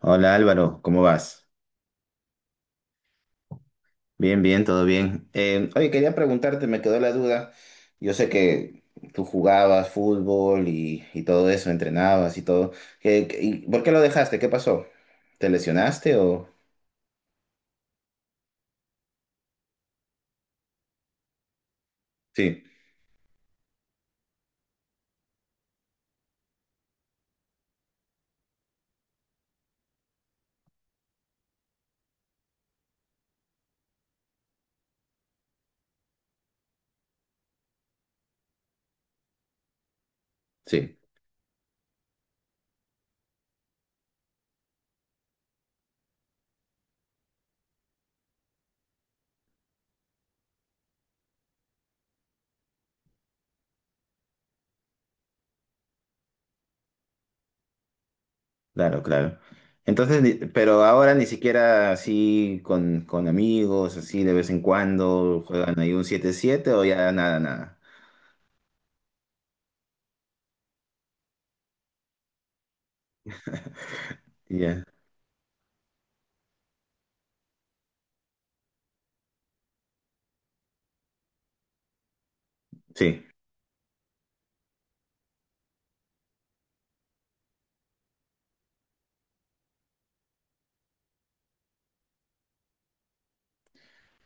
Hola Álvaro, ¿cómo vas? Bien, bien, todo bien. Oye, quería preguntarte, me quedó la duda. Yo sé que tú jugabas fútbol y todo eso, entrenabas y todo. ¿Y por qué lo dejaste? ¿Qué pasó? ¿Te lesionaste o? Sí, sí, claro, claro. Entonces, pero ahora ni siquiera así con amigos, así de vez en cuando, juegan ahí un siete siete o ya nada, nada. Ya, sí,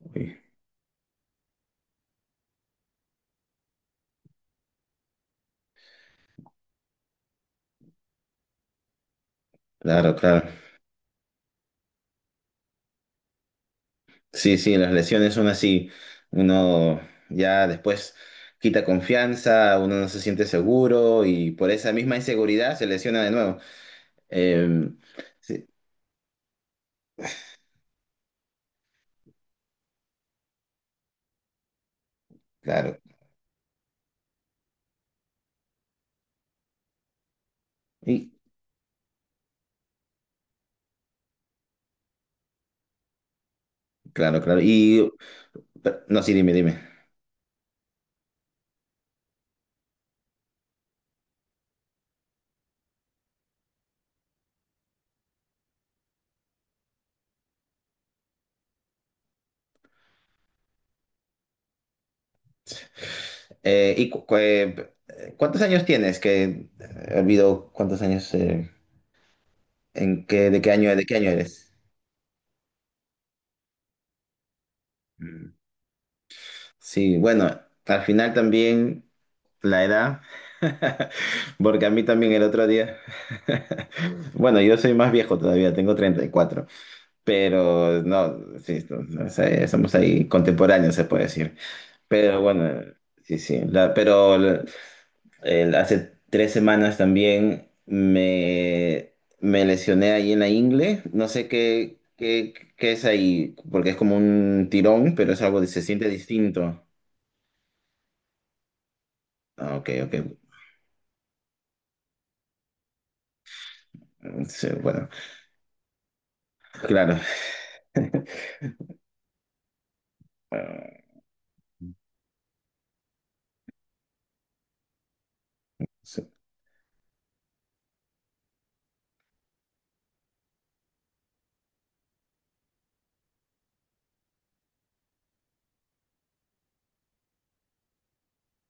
uy, claro, claro. Sí, sí, las lesiones son así. Uno ya después quita confianza, uno no se siente seguro y por esa misma inseguridad se lesiona de nuevo. Eh, sí, claro. Y, claro, claro. Y, no, sí, dime, dime. ¿Y cuántos años tienes? Que olvido cuántos años, en qué, de qué año eres. Sí, bueno, al final también la edad, porque a mí también el otro día, bueno, yo soy más viejo todavía, tengo 34, pero no, sí, no, no sé, somos ahí contemporáneos, se puede decir. Pero bueno, sí, sí, hace 3 semanas también me lesioné ahí en la ingle, no sé qué, es ahí, porque es como un tirón, pero es algo que se siente distinto. Ah, ok, ok. Sí, bueno, claro. Ah, sí,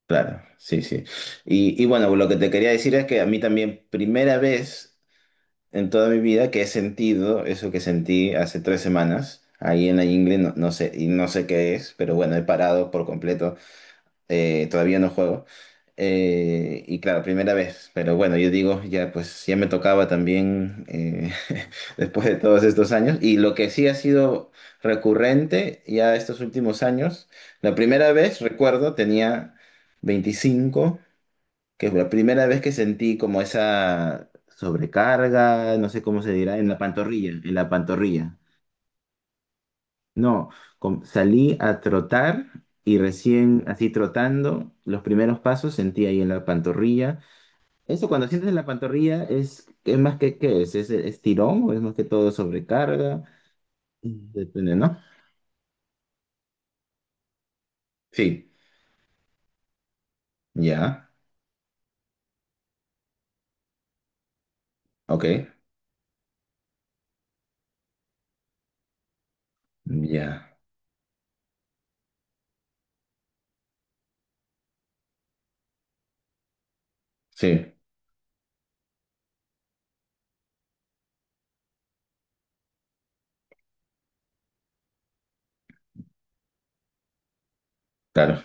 claro, sí, sí. Y bueno, lo que te quería decir es que a mí también, primera vez en toda mi vida que he sentido eso que sentí hace 3 semanas, ahí en la ingle, no, no sé, y no sé qué es, pero bueno, he parado por completo, todavía no juego. Y claro, primera vez, pero bueno, yo digo, ya pues ya me tocaba también después de todos estos años. Y lo que sí ha sido recurrente ya estos últimos años, la primera vez, recuerdo, tenía 25, que fue la primera vez que sentí como esa sobrecarga, no sé cómo se dirá, en la pantorrilla, en la pantorrilla. No, salí a trotar y recién así trotando, los primeros pasos sentí ahí en la pantorrilla. Eso cuando sientes en la pantorrilla es, más que qué es tirón o es más que todo sobrecarga, depende, ¿no? Sí, ya, ok, ya, sí, claro,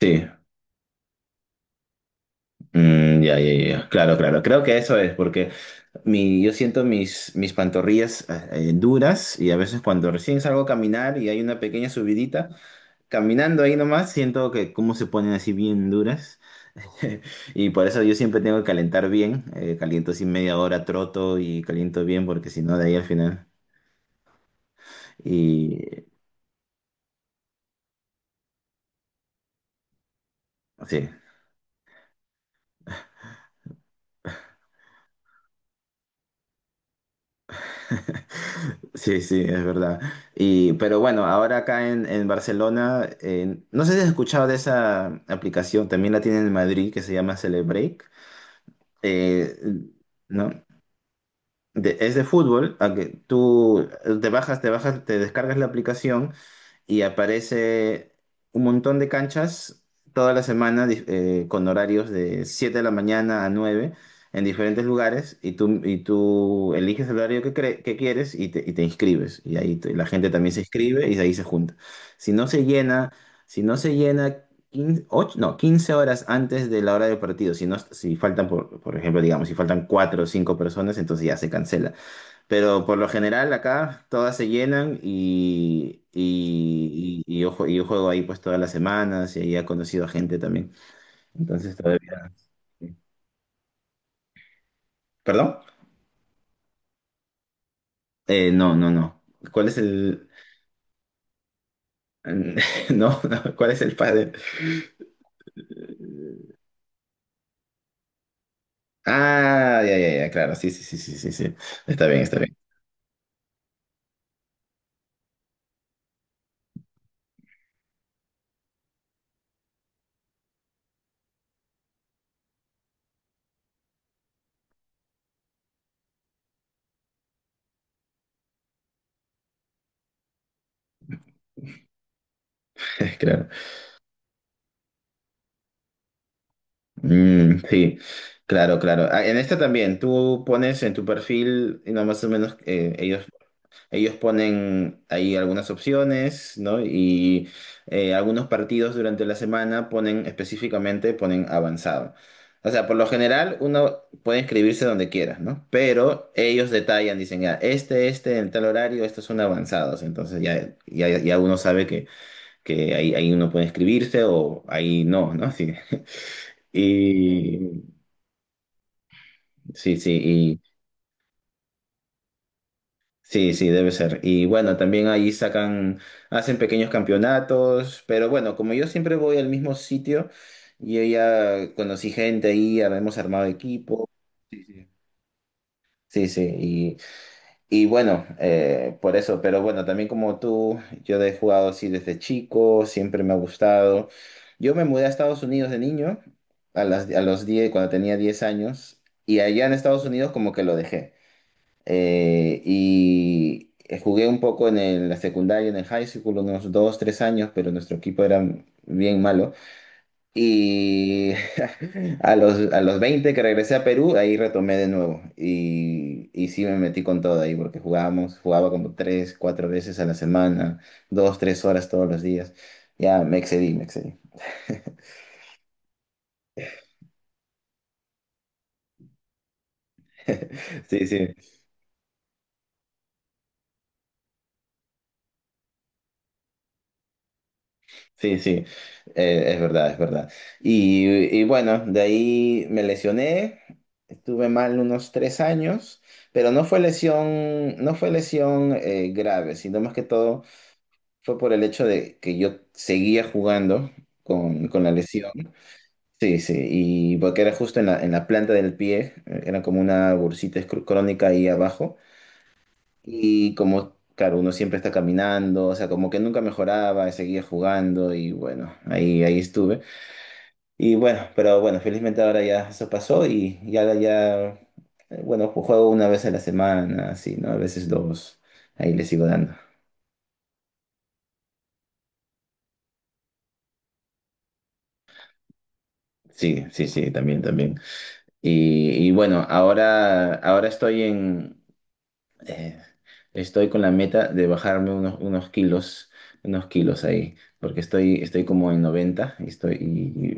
sí, mm, ya, ya, ya, ya, claro, claro, creo que eso es porque yo siento mis pantorrillas duras, y a veces cuando recién salgo a caminar y hay una pequeña subidita, caminando ahí nomás, siento que cómo se ponen así bien duras. Y por eso yo siempre tengo que calentar bien. Caliento así media hora, troto y caliento bien porque si no, de ahí al final. Y sí, sí, sí, es verdad. Y, pero bueno, ahora acá en Barcelona, no sé si has escuchado de esa aplicación, también la tienen en Madrid, que se llama Celebreak. Eh, ¿No? Es de fútbol, aunque tú te descargas la aplicación, y aparece un montón de canchas toda la semana, con horarios de 7 de la mañana a 9 en diferentes lugares, y tú eliges el horario que, que quieres y te inscribes. Y ahí la gente también se inscribe y de ahí se junta. Si no se llena, si no se llena... 15, och- no, 15 horas antes de la hora del partido. Si, no, si faltan, por ejemplo, digamos, si faltan 4 o 5 personas, entonces ya se cancela. Pero por lo general acá todas se llenan y yo, yo juego ahí pues todas las semanas y ahí he conocido a gente también. Entonces todavía... sí. ¿Perdón? No, no, no. ¿Cuál es el? No, no, ¿cuál es el padre? Ah, ya, ya, ya, claro, sí, sí, sí, sí, sí, sí. Está bien, claro. Mm, sí, claro, claro. Ah, en esta también, tú pones en tu perfil, y no, más o menos, ellos ponen ahí algunas opciones, ¿no? Y algunos partidos durante la semana ponen específicamente, ponen avanzado. O sea, por lo general uno puede inscribirse donde quiera, ¿no? Pero ellos detallan, dicen, ya, este, en tal horario, estos son avanzados. Entonces ya, ya, ya uno sabe que ahí, ahí uno puede inscribirse o ahí no, ¿no? Sí. Y sí, sí. Sí, sí, debe ser. Y bueno, también ahí sacan, hacen pequeños campeonatos, pero bueno, como yo siempre voy al mismo sitio, yo ya conocí gente ahí, ya hemos armado equipo. Sí, sí, y bueno, por eso, pero bueno, también como tú, yo he jugado así desde chico, siempre me ha gustado. Yo me mudé a Estados Unidos de niño, a los diez, cuando tenía 10 años, y allá en Estados Unidos como que lo dejé. Jugué un poco en la secundaria, en el high school, unos dos, tres años, pero nuestro equipo era bien malo. Y a los 20 que regresé a Perú, ahí retomé de nuevo. Y sí me metí con todo ahí, porque jugábamos, jugaba como tres, cuatro veces a la semana, dos, tres horas todos los días. Ya me excedí, me excedí. Sí, sí. Sí, sí, es verdad, es verdad. Y, y bueno, de ahí me lesioné, estuve mal unos 3 años, pero no fue lesión, no fue lesión grave, sino más que todo fue por el hecho de que yo seguía jugando con la lesión. Sí, sí, y porque era justo en la planta del pie, era como una bursita crónica ahí abajo. Y como, claro, uno siempre está caminando, o sea, como que nunca mejoraba, seguía jugando y bueno, ahí, ahí estuve. Y bueno, pero bueno, felizmente ahora ya eso pasó y ya, ya, bueno, juego una vez a la semana, así, ¿no? A veces dos, ahí le sigo dando. Sí, sí, sí, también, también. Y bueno, ahora estoy eh, estoy con la meta de bajarme unos kilos ahí, porque estoy como en 90 y, y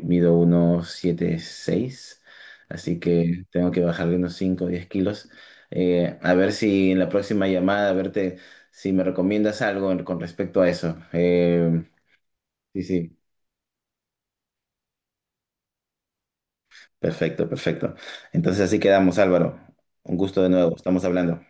mido unos siete seis, así que tengo que bajarle unos 5 o 10 kilos. A ver si en la próxima llamada, a verte si me recomiendas algo con respecto a eso. Sí, sí, perfecto, perfecto. Entonces así quedamos, Álvaro. Un gusto de nuevo, estamos hablando.